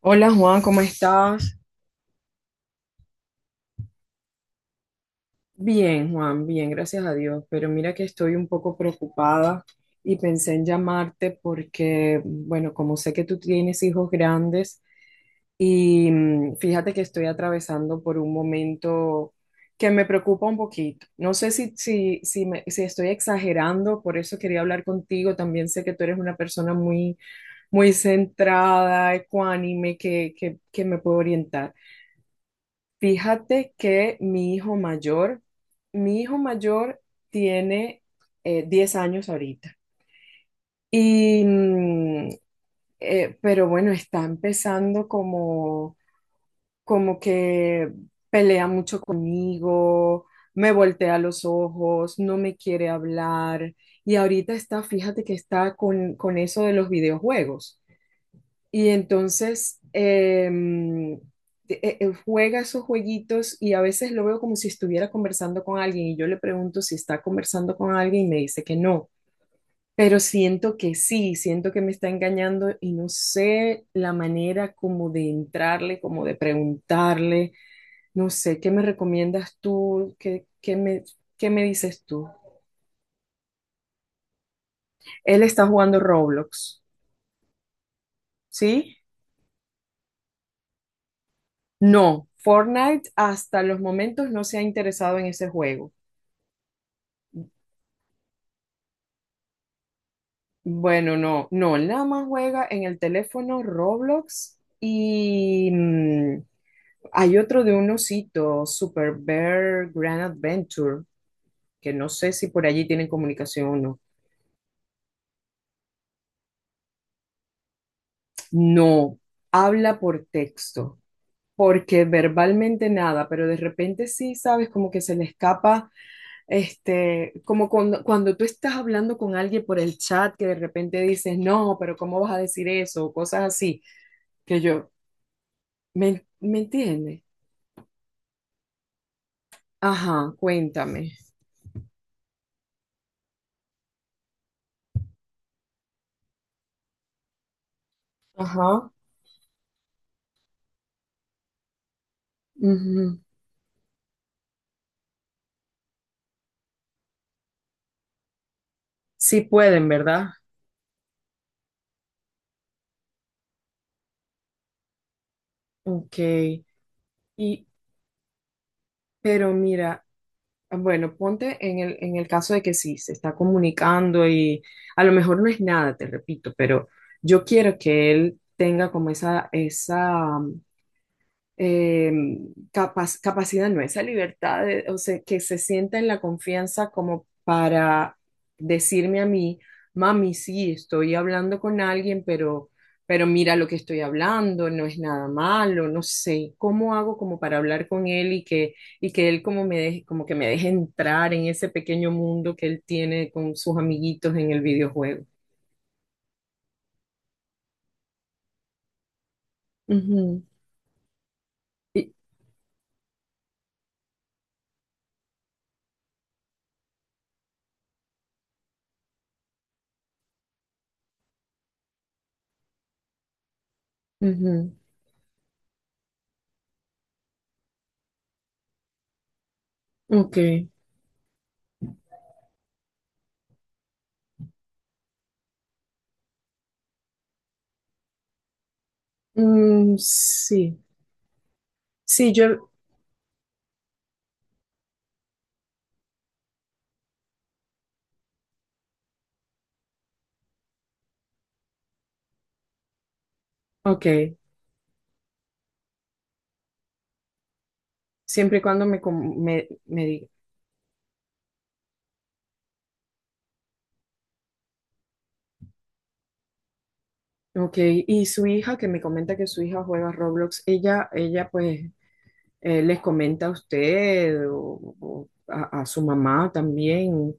Hola Juan, ¿cómo estás? Bien, Juan, bien, gracias a Dios. Pero mira que estoy un poco preocupada y pensé en llamarte porque, bueno, como sé que tú tienes hijos grandes y fíjate que estoy atravesando por un momento que me preocupa un poquito. No sé si estoy exagerando, por eso quería hablar contigo. También sé que tú eres una persona muy, muy centrada, ecuánime, que me puede orientar. Fíjate que mi hijo mayor tiene 10 años ahorita. Y, mm, pero bueno, está empezando como, como que pelea mucho conmigo, me voltea los ojos, no me quiere hablar. Y ahorita está, fíjate que está con eso de los videojuegos. Y entonces juega esos jueguitos y a veces lo veo como si estuviera conversando con alguien y yo le pregunto si está conversando con alguien y me dice que no, pero siento que sí, siento que me está engañando y no sé la manera como de entrarle, como de preguntarle, no sé, ¿qué me recomiendas tú? ¿Qué me dices tú? Él está jugando Roblox, ¿sí? No, Fortnite hasta los momentos no se ha interesado en ese juego. Bueno, él nada más juega en el teléfono Roblox y hay otro de un osito, Super Bear Grand Adventure, que no sé si por allí tienen comunicación o no. No, habla por texto, porque verbalmente nada, pero de repente sí, sabes, como que se le escapa, este, como cuando, cuando tú estás hablando con alguien por el chat, que de repente dices, no, pero ¿cómo vas a decir eso? O cosas así que yo, ¿me, me entiende? Ajá, cuéntame. Ajá. Ujú. Sí pueden, ¿verdad? Ok. Y, pero mira, bueno, ponte en el caso de que sí, se está comunicando y a lo mejor no es nada, te repito, pero yo quiero que él tenga como esa eh, capacidad, no, esa libertad, de- o sea, que se sienta en la confianza como para decirme a mí, mami, sí, estoy hablando con alguien, pero mira lo que estoy hablando, no es nada malo, no sé, ¿cómo hago como para hablar con él y que él como me deje, como que me deje entrar en ese pequeño mundo que él tiene con sus amiguitos en el videojuego? Ujú. Y- ujú. Ok. Mm, sí. Sí, yo. Ok, siempre y cuando me, me, me diga. Ok, y su hija, que me comenta que su hija juega Roblox, ella pues les comenta a usted o a su mamá también,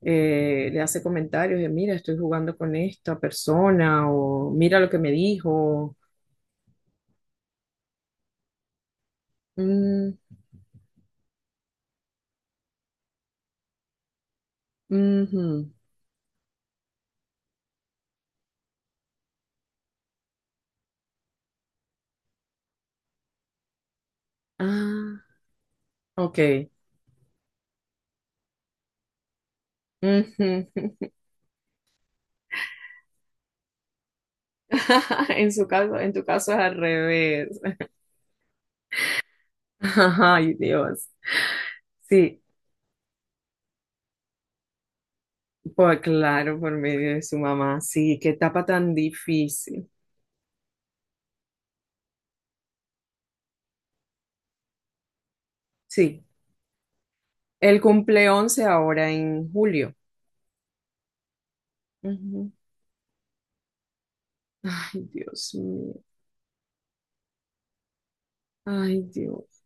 le hace comentarios de, mira, estoy jugando con esta persona o mira lo que me dijo. Mm, ujú. Ah, ok. Ujú. En su caso, en tu caso es al revés. Ay, Dios. Sí, pues claro, por medio de su mamá. Sí, qué etapa tan difícil. Sí, él cumple 11 ahora en julio. Ujú. Ay, Dios mío. Ay, Dios.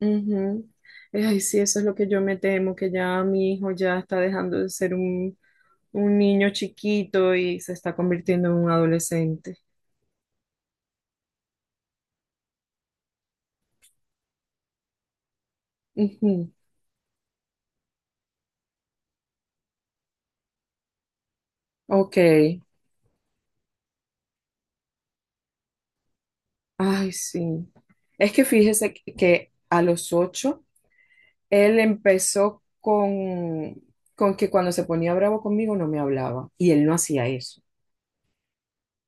Ujú. Ay, sí, eso es lo que yo me temo, que ya mi hijo ya está dejando de ser un niño chiquito y se está convirtiendo en un adolescente. Ujú. Ok. Ay, sí. Es que fíjese que a los 8 él empezó con que cuando se ponía bravo conmigo no me hablaba y él no hacía eso.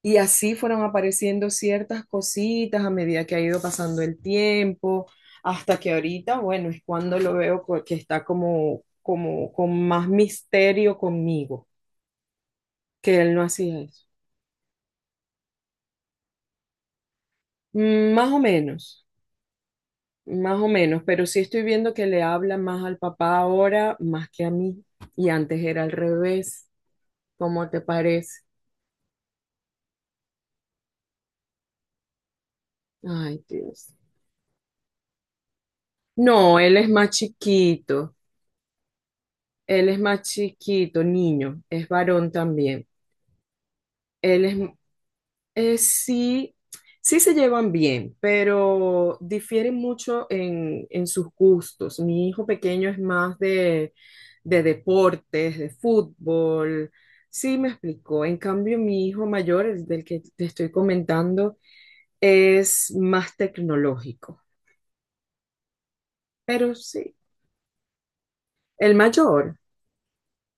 Y así fueron apareciendo ciertas cositas a medida que ha ido pasando el tiempo, hasta que ahorita, bueno, es cuando lo veo que está como, como con más misterio conmigo, que él no hacía eso. Mm, más o menos, más o menos, pero sí estoy viendo que le habla más al papá ahora, más que a mí, y antes era al revés. ¿Cómo te parece? Ay, Dios. No, él es más chiquito. Él es más chiquito, niño. Es varón también. Él es, sí, sí se llevan bien, pero difieren mucho en sus gustos. Mi hijo pequeño es más de deportes, de fútbol. Sí, me explicó. En cambio, mi hijo mayor, el del que te estoy comentando, es más tecnológico. Pero sí, el mayor.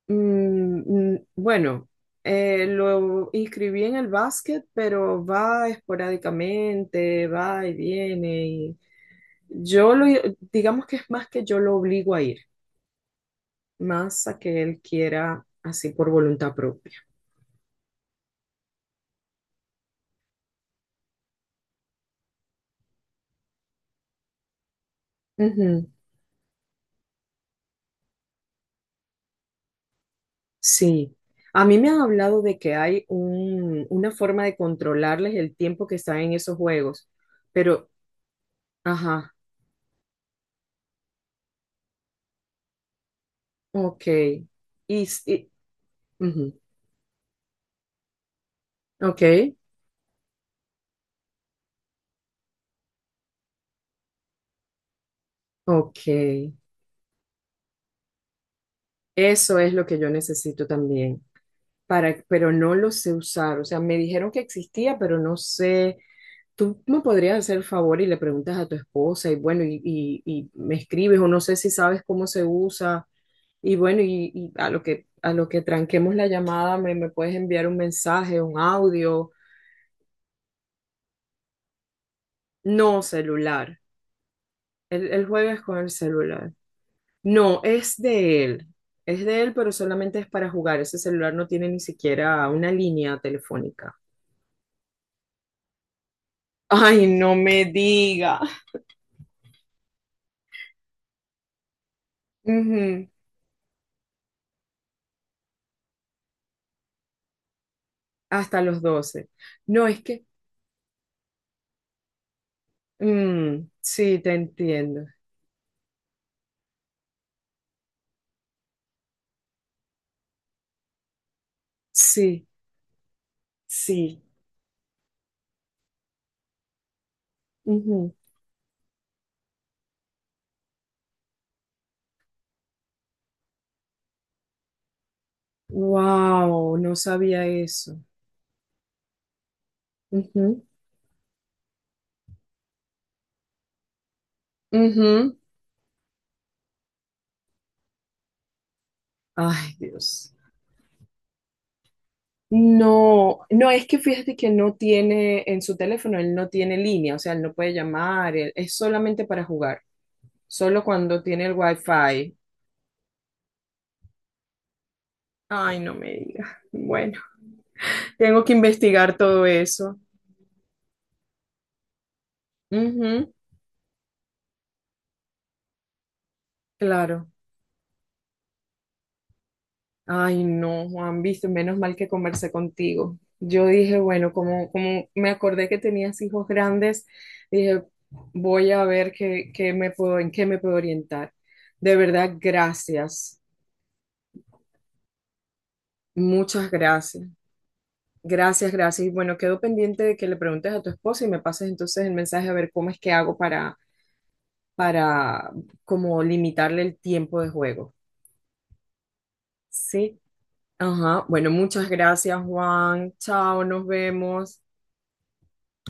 Mm, bueno, lo inscribí en el básquet, pero va esporádicamente, va y viene. Y yo lo, digamos que es más que yo lo obligo a ir, más a que él quiera así por voluntad propia. Ujú, sí. A mí me han hablado de que hay una forma de controlarles el tiempo que están en esos juegos, pero, ajá, ok. Y, s- y- ujú, ok, ok. Eso es lo que yo necesito también, para, pero no lo sé usar. O sea, me dijeron que existía, pero no sé. Tú me podrías hacer el favor y le preguntas a tu esposa y bueno, y me escribes o no sé si sabes cómo se usa. Y bueno, y a lo que tranquemos la llamada, me puedes enviar un mensaje, un audio. No, celular. Él juega es con el celular. No, es de él. Es de él, pero solamente es para jugar. Ese celular no tiene ni siquiera una línea telefónica. Ay, no me diga. Ujú, hasta los 12. No, es que, sí, te entiendo. Sí, sí. Wow, no sabía eso. Ujú, ujú. Ay, Dios. No, no, es que fíjate que no tiene en su teléfono, él no tiene línea, o sea, él no puede llamar, es solamente para jugar, solo cuando tiene el wifi. Ay, no me diga. Bueno, tengo que investigar todo eso. Claro. Ay, no, Juan, viste, menos mal que conversé contigo. Yo dije, bueno, como, como me acordé que tenías hijos grandes, dije, voy a ver qué, qué me puedo, en qué me puedo orientar. De verdad, gracias. Muchas gracias. Gracias, gracias. Y bueno, quedo pendiente de que le preguntes a tu esposa y me pases entonces el mensaje a ver cómo es que hago para como limitarle el tiempo de juego. Sí. Ajá. Bueno, muchas gracias, Juan. Chao, nos vemos.